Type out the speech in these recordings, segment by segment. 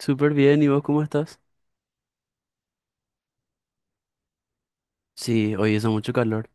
Súper bien, ¿y vos cómo estás? Sí, hoy hizo mucho calor.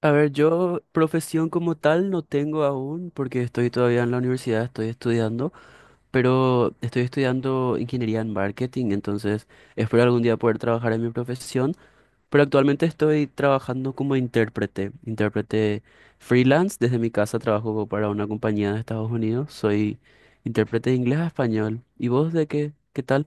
A ver, yo profesión como tal no tengo aún porque estoy todavía en la universidad, estoy estudiando, pero estoy estudiando ingeniería en marketing, entonces espero algún día poder trabajar en mi profesión, pero actualmente estoy trabajando como intérprete freelance, desde mi casa trabajo para una compañía de Estados Unidos, soy intérprete de inglés a español. ¿Y vos de qué? ¿Qué tal?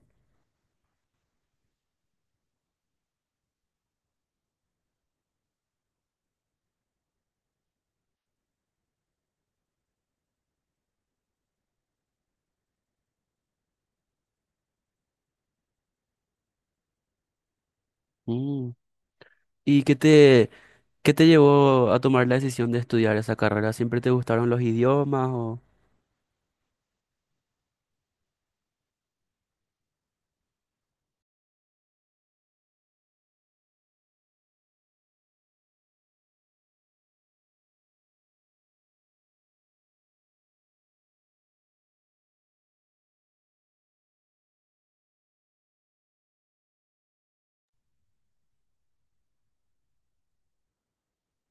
Mm. ¿Y qué te, ¿Qué te llevó a tomar la decisión de estudiar esa carrera? ¿Siempre te gustaron los idiomas o...?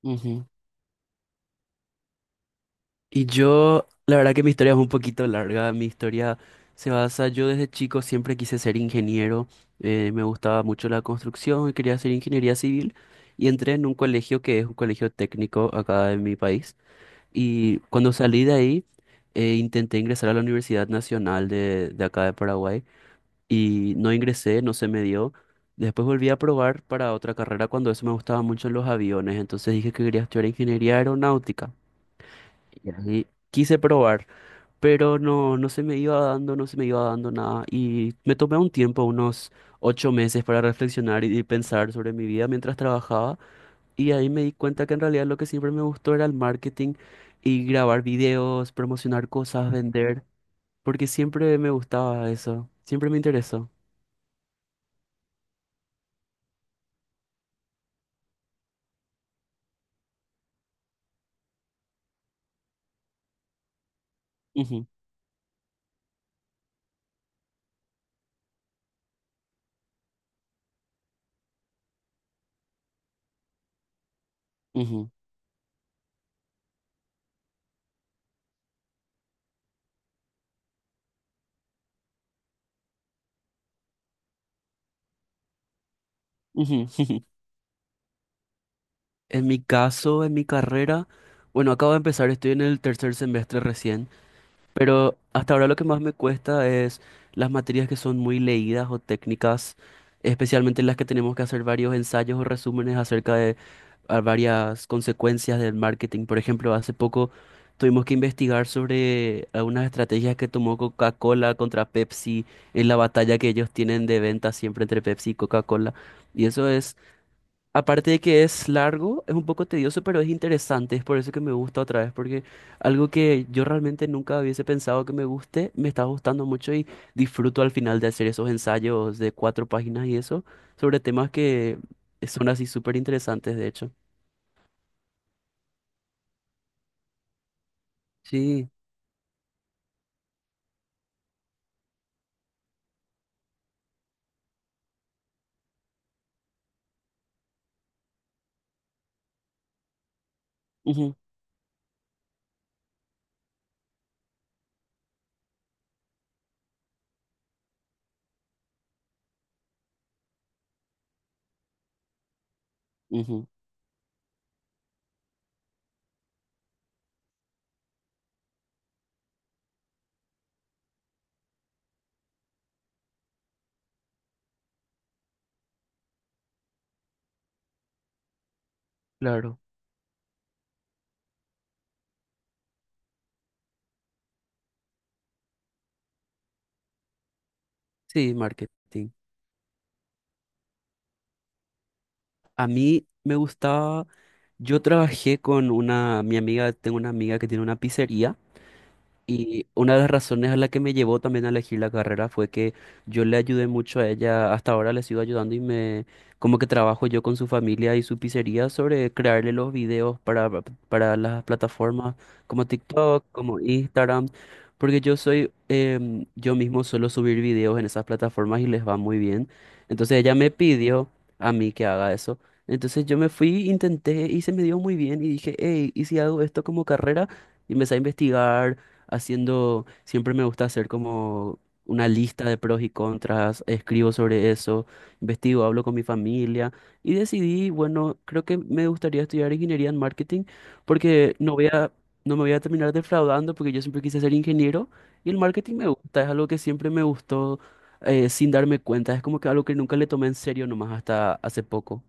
Ujú. Y yo, la verdad que mi historia es un poquito larga. Mi historia se basa, yo desde chico siempre quise ser ingeniero. Me gustaba mucho la construcción y quería hacer ingeniería civil. Y entré en un colegio que es un colegio técnico acá en mi país. Y cuando salí de ahí, intenté ingresar a la Universidad Nacional de acá de Paraguay. Y no ingresé, no se me dio. Después volví a probar para otra carrera cuando eso me gustaba mucho los aviones, entonces dije que quería estudiar ingeniería aeronáutica y ahí quise probar, pero no, no se me iba dando, no se me iba dando nada y me tomé un tiempo, unos 8 meses para reflexionar y pensar sobre mi vida mientras trabajaba y ahí me di cuenta que en realidad lo que siempre me gustó era el marketing y grabar videos, promocionar cosas, vender, porque siempre me gustaba eso, siempre me interesó. Ujú, ujú. Ujú. En mi caso, en mi carrera, bueno, acabo de empezar, estoy en el tercer semestre recién, pero hasta ahora lo que más me cuesta es las materias que son muy leídas o técnicas, especialmente las que tenemos que hacer varios ensayos o resúmenes acerca de a varias consecuencias del marketing. Por ejemplo, hace poco tuvimos que investigar sobre algunas estrategias que tomó Coca-Cola contra Pepsi en la batalla que ellos tienen de venta siempre entre Pepsi y Coca-Cola. Y eso es Aparte de que es largo, es un poco tedioso, pero es interesante. Es por eso que me gusta otra vez, porque algo que yo realmente nunca hubiese pensado que me guste, me está gustando mucho y disfruto al final de hacer esos ensayos de cuatro páginas y eso, sobre temas que son así súper interesantes, de hecho. Sí, ujú, ujú, claro. Sí, marketing. A mí me gustaba, yo trabajé con mi amiga, tengo una amiga que tiene una pizzería. Y una de las razones a la que me llevó también a elegir la carrera fue que yo le ayudé mucho a ella, hasta ahora le sigo ayudando y me como que trabajo yo con su familia y su pizzería sobre crearle los videos para las plataformas como TikTok, como Instagram, porque yo mismo suelo subir videos en esas plataformas y les va muy bien. Entonces ella me pidió a mí que haga eso. Entonces yo me fui, intenté y se me dio muy bien y dije, hey, ¿y si hago esto como carrera? Y empecé a investigar haciendo, siempre me gusta hacer como una lista de pros y contras, escribo sobre eso, investigo, hablo con mi familia y decidí, bueno, creo que me gustaría estudiar ingeniería en marketing porque no voy a, no me voy a terminar defraudando porque yo siempre quise ser ingeniero y el marketing me gusta, es algo que siempre me gustó sin darme cuenta, es como que algo que nunca le tomé en serio nomás hasta hace poco.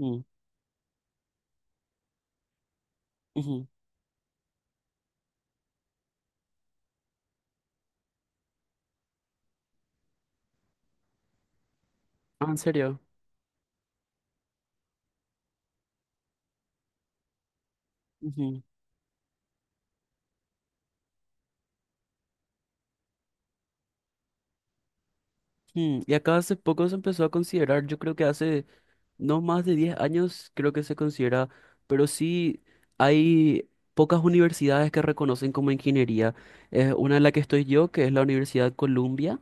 Mm, ujú. Ah, ¿en serio? Ujú. Y acá hace poco se empezó a considerar, yo creo que hace no más de 10 años creo que se considera, pero sí hay pocas universidades que reconocen como ingeniería. Es una de la que estoy yo, que es la Universidad Columbia.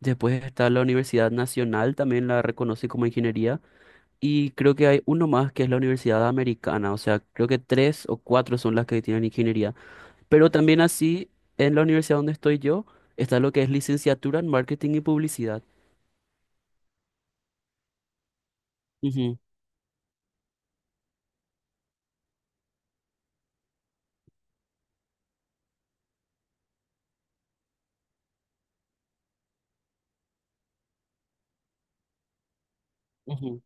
Después está la Universidad Nacional, también la reconoce como ingeniería. Y creo que hay uno más que es la Universidad Americana. O sea, creo que tres o cuatro son las que tienen ingeniería. Pero también así, en la universidad donde estoy yo, está lo que es licenciatura en marketing y publicidad. Ujú, ujú,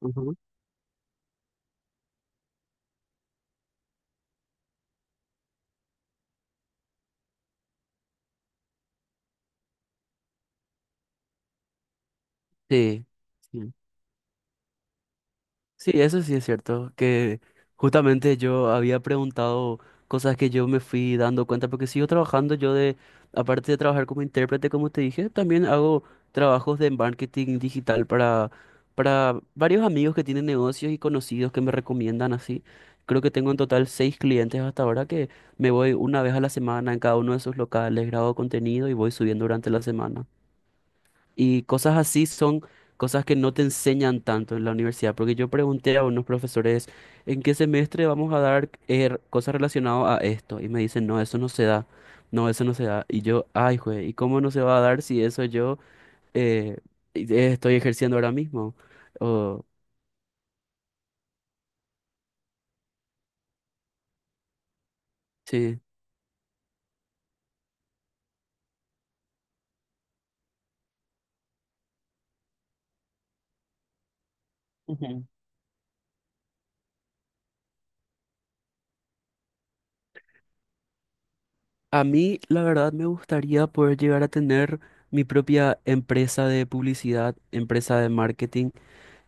ujú. Sí. Sí, eso sí es cierto, que justamente yo había preguntado cosas que yo me fui dando cuenta, porque sigo trabajando aparte de trabajar como intérprete, como te dije, también hago trabajos de marketing digital para varios amigos que tienen negocios y conocidos que me recomiendan así. Creo que tengo en total seis clientes hasta ahora que me voy una vez a la semana en cada uno de sus locales, grabo contenido y voy subiendo durante la semana. Y cosas así son cosas que no te enseñan tanto en la universidad, porque yo pregunté a unos profesores, ¿en qué semestre vamos a dar cosas relacionadas a esto? Y me dicen, no, eso no se da, no, eso no se da. Y yo, ay, güey, ¿y cómo no se va a dar si eso yo eh, estoy ejerciendo ahora mismo? O, sí. Ujú. A mí, la verdad, me gustaría poder llegar a tener mi propia empresa de publicidad, empresa de marketing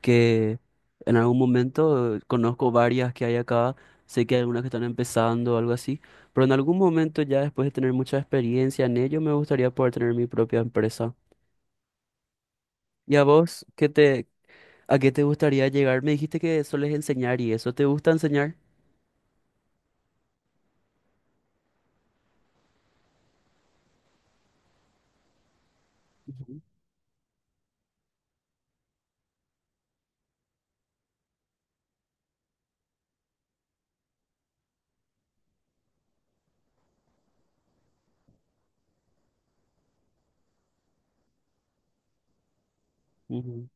que en algún momento conozco varias que hay acá, sé que hay algunas que están empezando o algo así, pero en algún momento ya después de tener mucha experiencia en ello, me gustaría poder tener mi propia empresa. ¿Y a vos a qué te gustaría llegar? Me dijiste que sueles enseñar y eso, ¿te gusta enseñar? Ujú, ujú.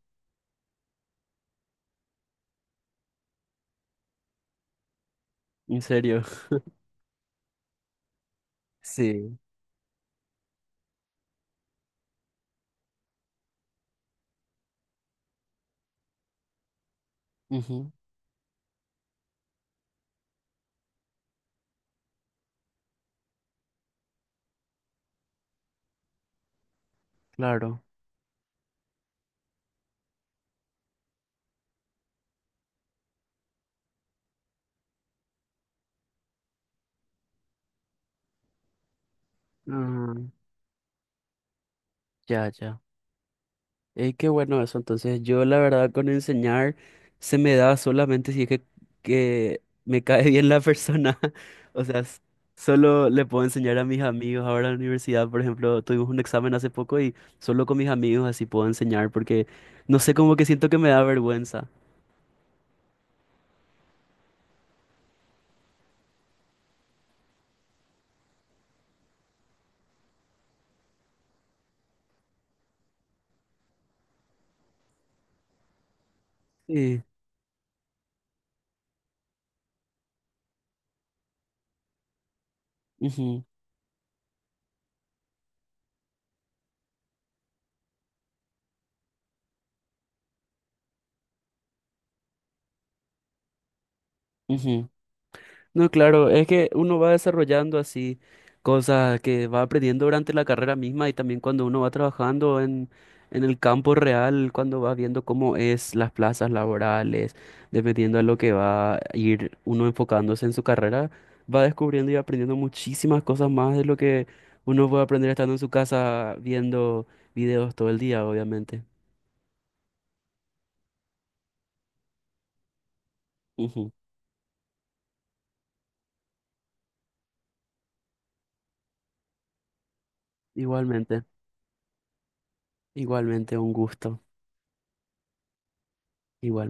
¿En serio? Sí. Ujú, claro. Mm, ya, ya. Qué bueno eso. Entonces, yo la verdad con enseñar se me da solamente si es que me cae bien la persona. O sea, solo le puedo enseñar a mis amigos. Ahora en la universidad, por ejemplo, tuvimos un examen hace poco y solo con mis amigos así puedo enseñar porque no sé, como que siento que me da vergüenza. Sí. Ujú, ujú. No, claro, es que uno va desarrollando así cosas que va aprendiendo durante la carrera misma y también cuando uno va trabajando en el campo real, cuando va viendo cómo es las plazas laborales, dependiendo de lo que va a ir uno enfocándose en su carrera, va descubriendo y aprendiendo muchísimas cosas más de lo que uno puede aprender estando en su casa viendo videos todo el día, obviamente. Ujú. Igualmente, igualmente, un gusto. Igual.